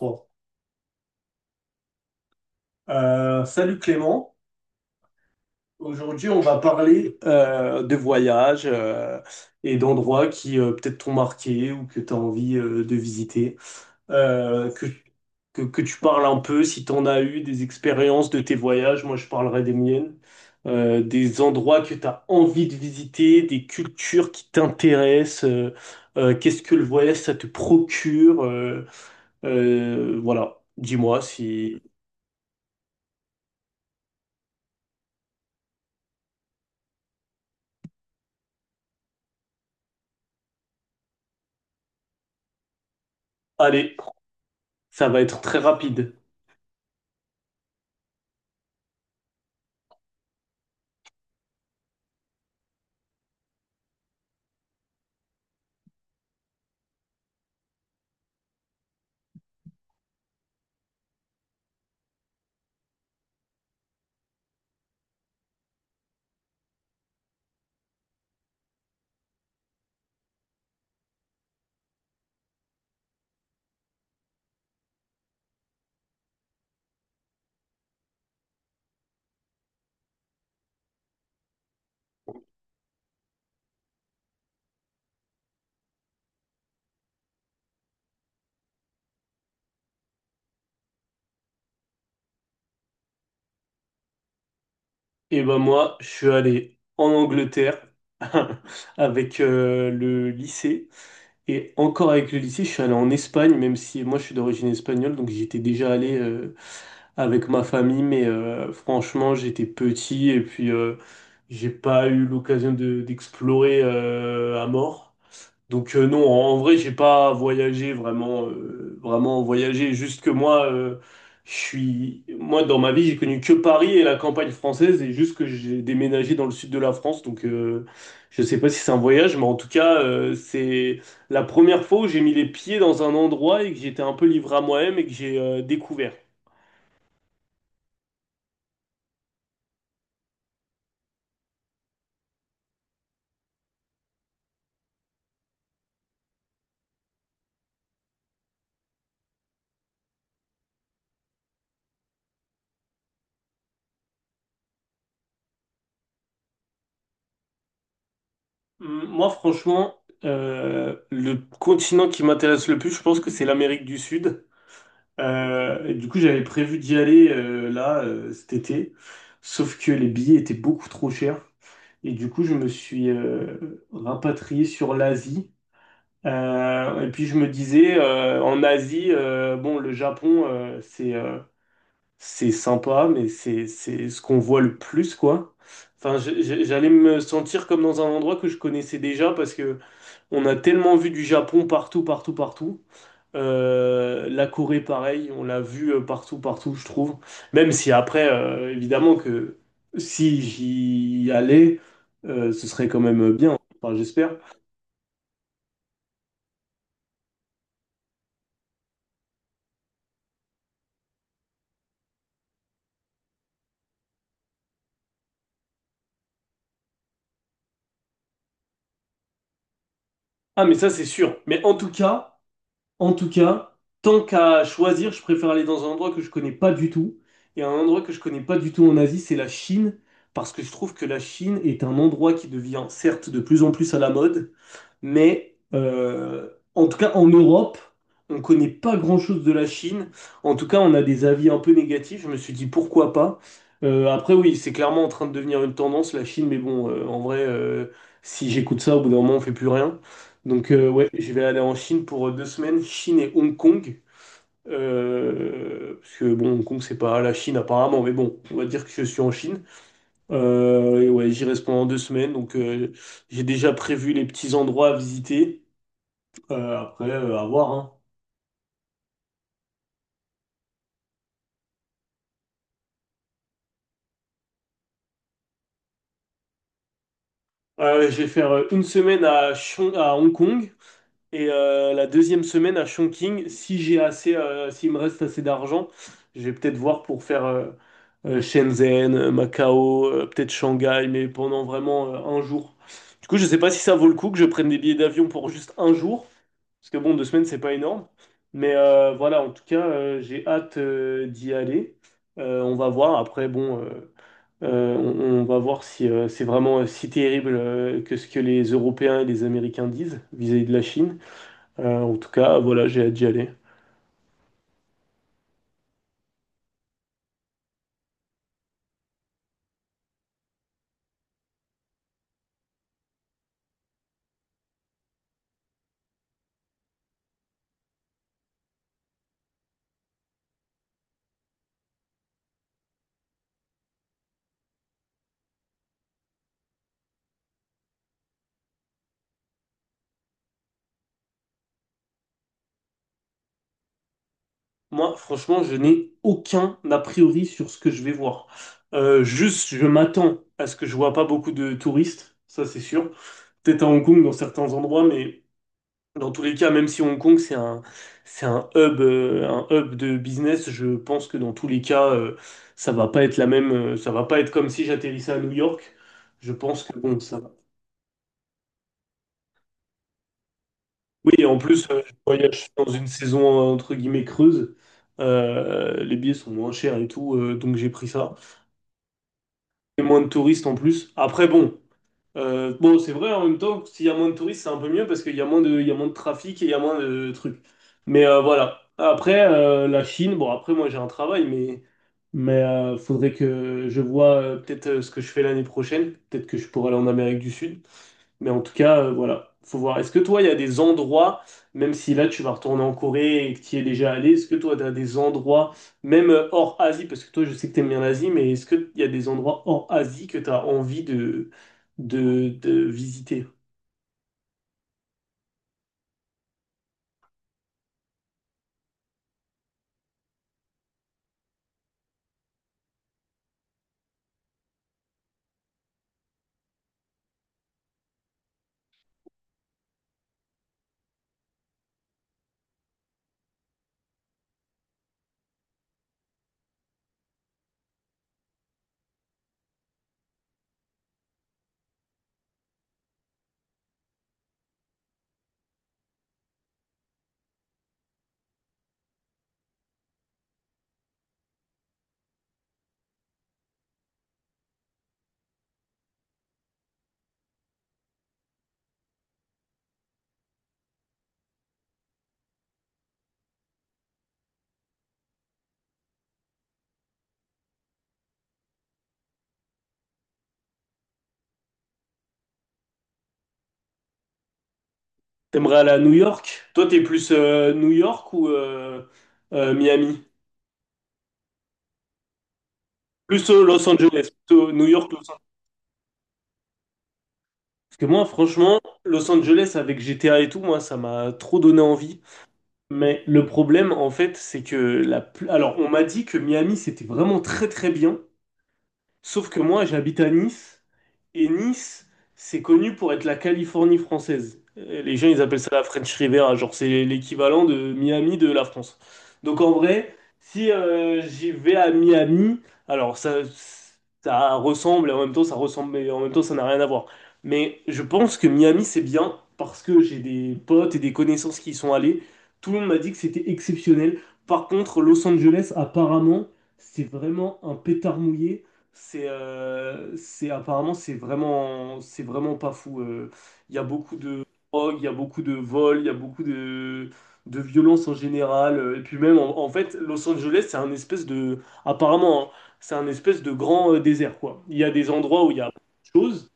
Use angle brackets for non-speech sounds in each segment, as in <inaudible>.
Bon. Salut Clément. Aujourd'hui, on va parler de voyages et d'endroits qui peut-être t'ont marqué ou que tu as envie de visiter. Euh, que, que tu parles un peu si tu en as eu des expériences de tes voyages. Moi, je parlerai des miennes. Des endroits que tu as envie de visiter, des cultures qui t'intéressent. Qu'est-ce que le voyage, ça te procure. Voilà. Dis-moi si... Allez. Ça va être très rapide. Et ben moi, je suis allé en Angleterre <laughs> avec le lycée. Et encore avec le lycée, je suis allé en Espagne, même si moi je suis d'origine espagnole, donc j'étais déjà allé avec ma famille, mais franchement, j'étais petit et puis j'ai pas eu l'occasion d'explorer à mort. Donc non, en vrai, j'ai pas voyagé vraiment, vraiment voyagé. Juste que moi, je suis, moi dans ma vie, j'ai connu que Paris et la campagne française, et juste que j'ai déménagé dans le sud de la France. Donc je sais pas si c'est un voyage, mais en tout cas, c'est la première fois où j'ai mis les pieds dans un endroit et que j'étais un peu livré à moi-même et que j'ai découvert. Moi, franchement, le continent qui m'intéresse le plus, je pense que c'est l'Amérique du Sud. Et du coup, j'avais prévu d'y aller là cet été, sauf que les billets étaient beaucoup trop chers. Et du coup, je me suis rapatrié sur l'Asie. Et puis, je me disais, en Asie, bon, le Japon, c'est sympa, mais c'est ce qu'on voit le plus, quoi. Enfin, j'allais me sentir comme dans un endroit que je connaissais déjà parce que on a tellement vu du Japon partout, partout, partout. La Corée, pareil, on l'a vu partout, partout, je trouve. Même si après, évidemment que si j'y allais, ce serait quand même bien. Enfin, j'espère. Ah, mais ça, c'est sûr. Mais en tout cas, tant qu'à choisir, je préfère aller dans un endroit que je connais pas du tout. Et un endroit que je connais pas du tout en Asie, c'est la Chine. Parce que je trouve que la Chine est un endroit qui devient certes de plus en plus à la mode, mais en tout cas, en Europe, on connaît pas grand-chose de la Chine. En tout cas, on a des avis un peu négatifs. Je me suis dit pourquoi pas. Après, oui, c'est clairement en train de devenir une tendance, la Chine. Mais bon, en vrai, si j'écoute ça, au bout d'un moment, on fait plus rien. Donc, ouais, je vais aller en Chine pour deux semaines, Chine et Hong Kong. Parce que bon, Hong Kong, c'est pas la Chine apparemment, mais bon, on va dire que je suis en Chine. Et ouais, j'y reste pendant deux semaines, donc j'ai déjà prévu les petits endroits à visiter. À voir, hein. Je vais faire une semaine à, à Hong Kong et la deuxième semaine à Chongqing. Si j'ai assez, s'il me reste assez d'argent, je vais peut-être voir pour faire Shenzhen, Macao, peut-être Shanghai, mais pendant vraiment un jour. Du coup, je sais pas si ça vaut le coup que je prenne des billets d'avion pour juste un jour, parce que bon, deux semaines, c'est pas énorme. Mais voilà, en tout cas, j'ai hâte d'y aller. On va voir. Après, bon. On va voir si c'est vraiment si terrible que ce que les Européens et les Américains disent vis-à-vis de la Chine. En tout cas, voilà, j'ai hâte d'y aller. Moi, franchement, je n'ai aucun a priori sur ce que je vais voir. Juste, je m'attends à ce que je vois pas beaucoup de touristes, ça c'est sûr. Peut-être à Hong Kong dans certains endroits, mais dans tous les cas, même si Hong Kong, c'est un hub de business, je pense que dans tous les cas, ça va pas être la même, ça va pas être comme si j'atterrissais à New York. Je pense que bon, ça va. Oui, et en plus, je voyage dans une saison entre guillemets creuse. Les billets sont moins chers et tout, donc j'ai pris ça. Et moins de touristes en plus. Après, bon. Bon, c'est vrai, en même temps, s'il y a moins de touristes, c'est un peu mieux parce qu'il y a moins de, il y a moins de trafic et il y a moins de trucs. Mais voilà. Après, la Chine, bon, après, moi, j'ai un travail, mais faudrait que je vois peut-être ce que je fais l'année prochaine. Peut-être que je pourrais aller en Amérique du Sud. Mais en tout cas, voilà, faut voir. Est-ce que toi, il y a des endroits, même si là tu vas retourner en Corée et que tu y es déjà allé, est-ce que toi, tu as des endroits, même hors Asie, parce que toi, je sais que tu aimes bien l'Asie, mais est-ce qu'il y a des endroits hors Asie que tu as envie de visiter? T'aimerais aller à New York? Toi, t'es plus New York ou Miami? Plus Los Angeles, plutôt New York, Los Angeles. Parce que moi, franchement, Los Angeles avec GTA et tout, moi, ça m'a trop donné envie. Mais le problème, en fait, c'est que alors, on m'a dit que Miami, c'était vraiment très très bien, sauf que moi, j'habite à Nice, et Nice, c'est connu pour être la Californie française. Les gens, ils appellent ça la French Riviera, genre c'est l'équivalent de Miami de la France. Donc en vrai, si j'y vais à Miami, alors ça ressemble, et en même temps ça ressemble, mais en même temps ça n'a rien à voir. Mais je pense que Miami, c'est bien parce que j'ai des potes et des connaissances qui y sont allés. Tout le monde m'a dit que c'était exceptionnel. Par contre, Los Angeles, apparemment, c'est vraiment un pétard mouillé. C'est apparemment c'est vraiment pas fou. Il y a beaucoup de drogue, il y a beaucoup de vols, il y a beaucoup de violence en général. Et puis même en fait Los Angeles c'est un espèce de apparemment hein, c'est un espèce de grand désert quoi. Il y a des endroits où il y a beaucoup de choses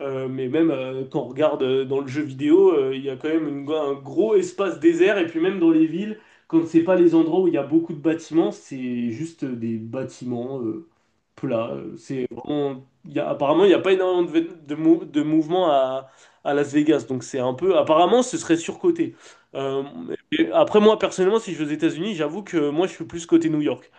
mais même quand on regarde dans le jeu vidéo, il y a quand même un gros espace désert. Et puis même dans les villes, quand c'est pas les endroits où il y a beaucoup de bâtiments, c'est juste des bâtiments plats. C'est vraiment, il y a, apparemment, il n'y a pas énormément de mouvement à Las Vegas. Donc c'est un peu... Apparemment, ce serait surcoté. Euh, et après, moi, personnellement, si je vais aux États-Unis, j'avoue que moi, je suis plus côté New York.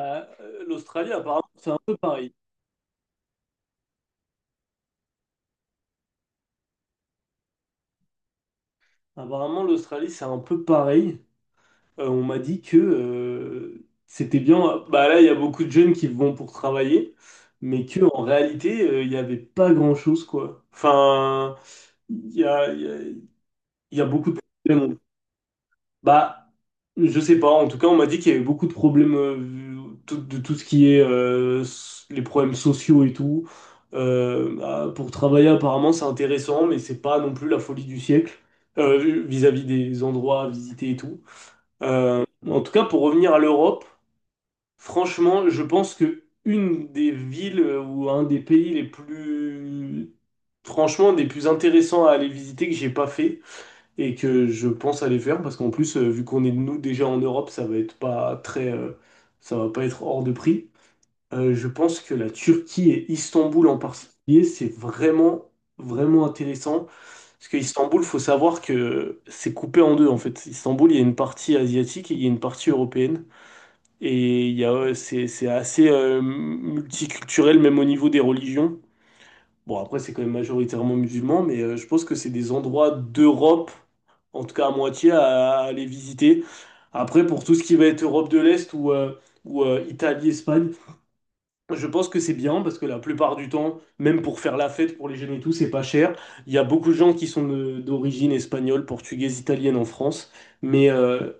Euh, L'Australie, apparemment, c'est un peu pareil. Apparemment, l'Australie, c'est un peu pareil. On m'a dit que c'était bien. Bah là, il y a beaucoup de jeunes qui vont pour travailler, mais que en réalité, il n'y avait pas grand-chose, quoi. Enfin, il y a, il y a- il y a beaucoup de problèmes. Bah, je sais pas. En tout cas, on m'a dit qu'il y avait beaucoup de problèmes de tout ce qui est les problèmes sociaux et tout. Bah, pour travailler, apparemment, c'est intéressant, mais c'est pas non plus la folie du siècle vis-à-vis des endroits à visiter et tout. En tout cas, pour revenir à l'Europe, franchement, je pense que une des villes ou un des pays les plus, franchement, des plus intéressants à aller visiter que j'ai pas fait et que je pense aller faire parce qu'en plus, vu qu'on est nous déjà en Europe, ça va être pas très, ça va pas être hors de prix. Je pense que la Turquie et Istanbul en particulier, c'est vraiment, vraiment intéressant. Parce que Istanbul, faut savoir que c'est coupé en deux, en fait. Istanbul, il y a une partie asiatique et il y a une partie européenne. Et il y a, c'est assez multiculturel, même au niveau des religions. Bon, après, c'est quand même majoritairement musulman, mais je pense que c'est des endroits d'Europe, en tout cas à moitié, à aller visiter. Après, pour tout ce qui va être Europe de l'Est ou Italie, Espagne, je pense que c'est bien parce que la plupart du temps, même pour faire la fête pour les jeunes et tout, c'est pas cher. Il y a beaucoup de gens qui sont d'origine espagnole, portugaise, italienne en France, mais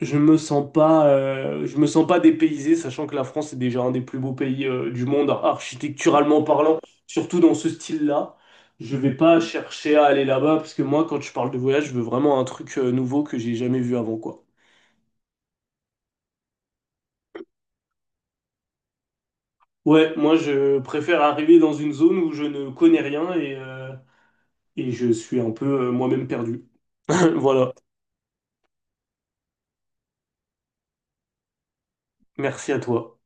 je me sens pas, je me sens pas dépaysé, sachant que la France est déjà un des plus beaux pays du monde architecturalement parlant, surtout dans ce style-là. Je vais pas chercher à aller là-bas parce que moi, quand je parle de voyage, je veux vraiment un truc nouveau que j'ai jamais vu avant, quoi. Ouais, moi je préfère arriver dans une zone où je ne connais rien et et je suis un peu moi-même perdu. <laughs> Voilà, merci à toi.